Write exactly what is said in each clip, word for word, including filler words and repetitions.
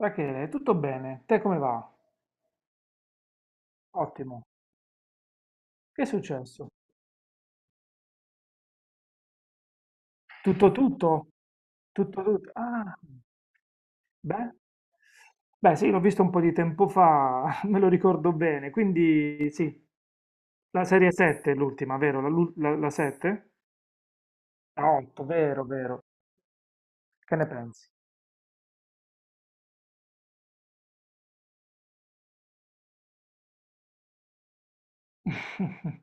Rachele, tutto bene? Te come va? Ottimo. Che è successo? Tutto tutto? Tutto tutto? Ah, beh. Beh, sì, l'ho visto un po' di tempo fa, me lo ricordo bene. Quindi sì, la serie sette è l'ultima, vero? La, lu- la, sette? La otto, vero, vero. Che ne pensi?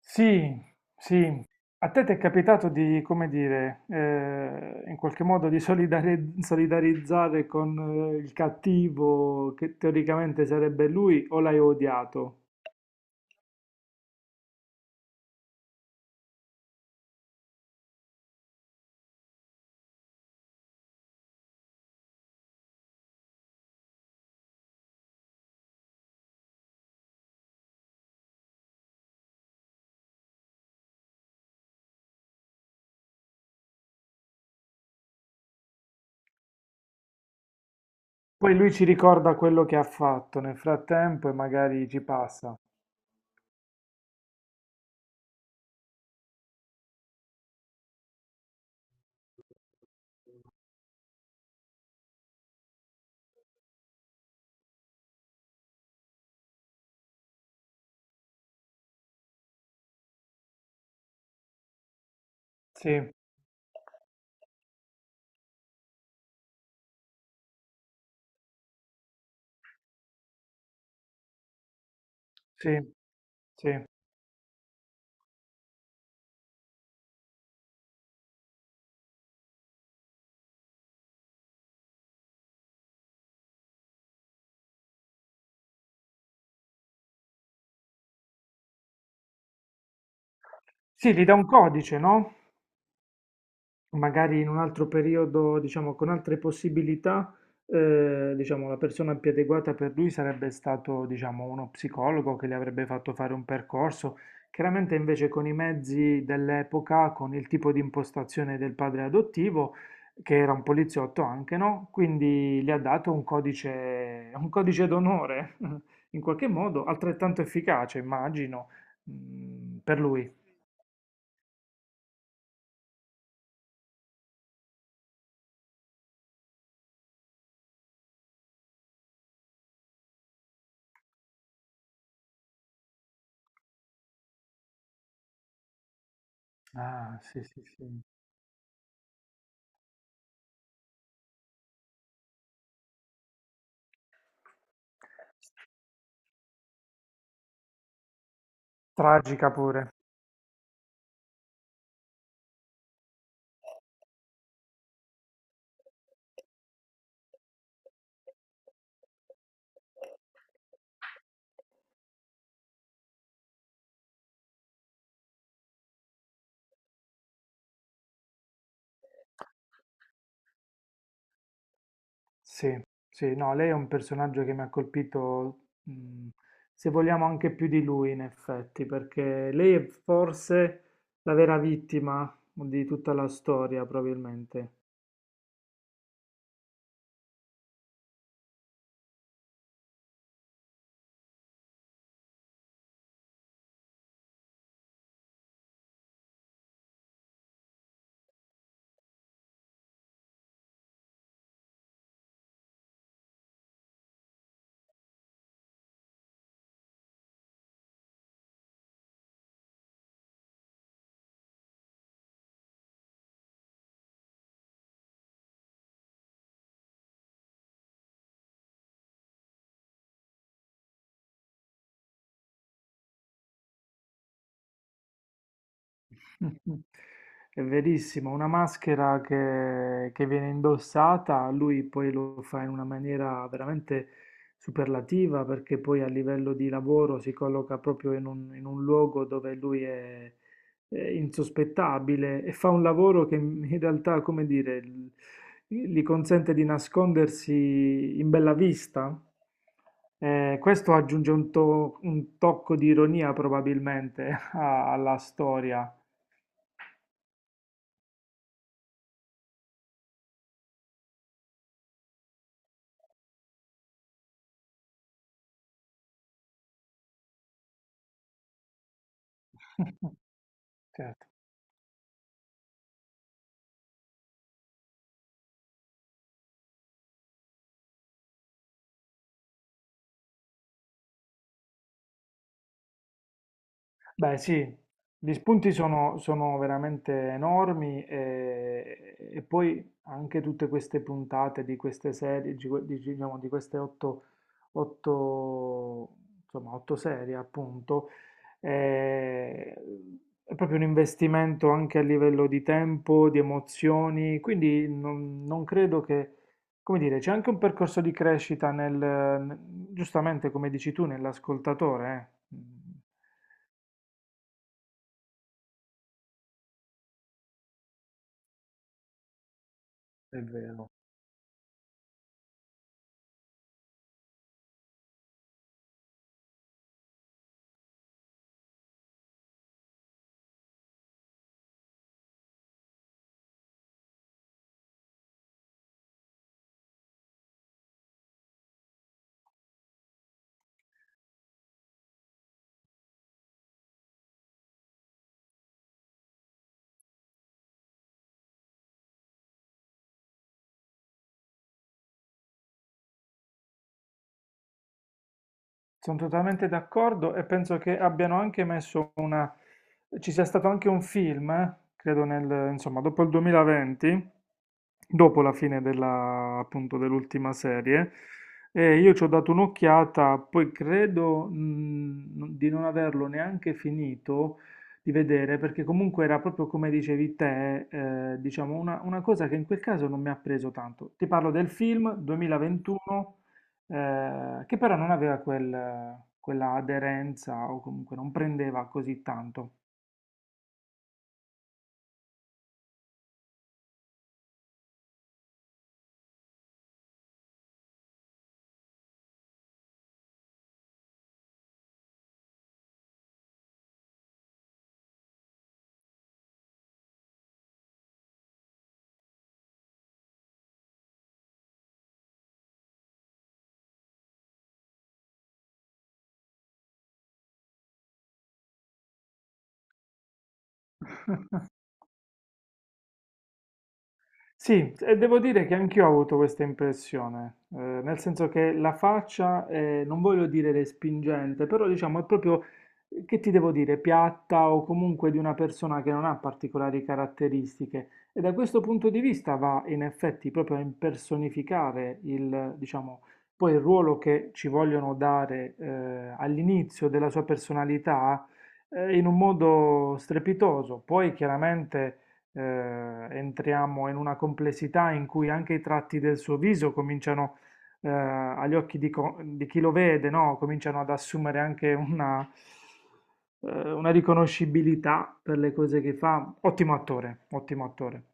Sì, sì. A te ti è capitato di, come dire, eh, in qualche modo di solidari- solidarizzare con eh, il cattivo che teoricamente sarebbe lui o l'hai odiato? Poi lui ci ricorda quello che ha fatto nel frattempo e magari ci passa. Sì, sì, sì. Sì, gli dà un codice, no? Magari in un altro periodo, diciamo, con altre possibilità, eh, diciamo, la persona più adeguata per lui sarebbe stato, diciamo, uno psicologo che le avrebbe fatto fare un percorso. Chiaramente invece con i mezzi dell'epoca, con il tipo di impostazione del padre adottivo, che era un poliziotto anche, no? Quindi le ha dato un codice, un codice d'onore, in qualche modo, altrettanto efficace, immagino, mm, per lui. Ah, sì, sì, sì. Tragica pure. Sì, sì, no, lei è un personaggio che mi ha colpito, mh, se vogliamo anche più di lui in effetti, perché lei è forse la vera vittima di tutta la storia, probabilmente. È verissimo, una maschera che, che viene indossata, lui poi lo fa in una maniera veramente superlativa perché poi a livello di lavoro si colloca proprio in un, in un luogo dove lui è, è insospettabile e fa un lavoro che in realtà, come dire, l- gli consente di nascondersi in bella vista. Eh, questo aggiunge un, to- un tocco di ironia probabilmente a- alla storia. Certo. Beh sì, gli spunti sono, sono veramente enormi e, e poi anche tutte queste puntate di queste serie, di, que- di- diciamo, di queste otto, otto- insomma, otto serie appunto, eh, è proprio un investimento anche a livello di tempo, di emozioni, quindi non, non credo che, come dire, c'è anche un percorso di crescita nel, giustamente come dici tu, nell'ascoltatore, eh. È vero, sono totalmente d'accordo e penso che abbiano anche messo una, ci sia stato anche un film, eh, credo nel, insomma, dopo il duemilaventi, dopo la fine della, appunto, dell'ultima serie. E io ci ho dato un'occhiata, poi credo, mh, non- di non averlo neanche finito di vedere, perché comunque era proprio come dicevi te, eh, diciamo una, una cosa che in quel caso non mi ha preso tanto. Ti parlo del film duemilaventuno, eh, che però non aveva quel- quella aderenza o comunque non prendeva così tanto. Sì, e devo dire che anch'io ho avuto questa impressione, eh, nel senso che la faccia, è, non voglio dire respingente, però diciamo è proprio, eh, che ti devo dire, piatta o comunque di una persona che non ha particolari caratteristiche. E da questo punto di vista va in effetti proprio a impersonificare il, diciamo, poi il ruolo che ci vogliono dare, eh, all'inizio della sua personalità, eh, in un modo strepitoso. Poi chiaramente eh, entriamo in una complessità in cui anche i tratti del suo viso cominciano, eh, agli occhi di, co- di chi lo vede, no? Cominciano ad assumere anche una, eh, una riconoscibilità per le cose che fa. Ottimo attore, ottimo attore,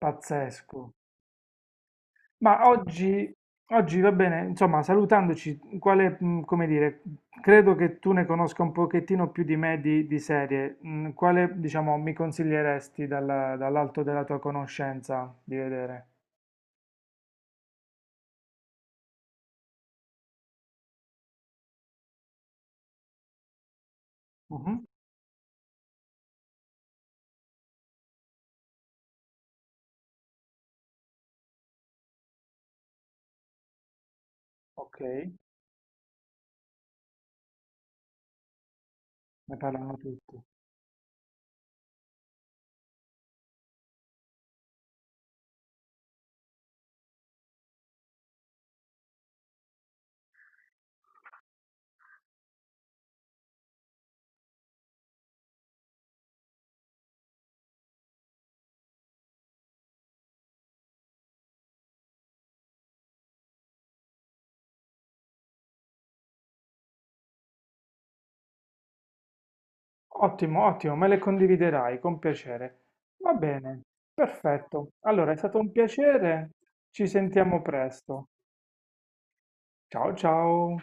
pazzesco. Ma oggi, oggi va bene, insomma, salutandoci, quale, mh, come dire, credo che tu ne conosca un pochettino più di me di, di serie. Mh, Quale, diciamo, mi consiglieresti dalla- dall'alto della tua conoscenza di vedere? Mhm. Ok, ne parlano tutti. Ottimo, ottimo, me le condividerai con piacere. Va bene, perfetto. Allora, è stato un piacere. Ci sentiamo presto. Ciao, ciao.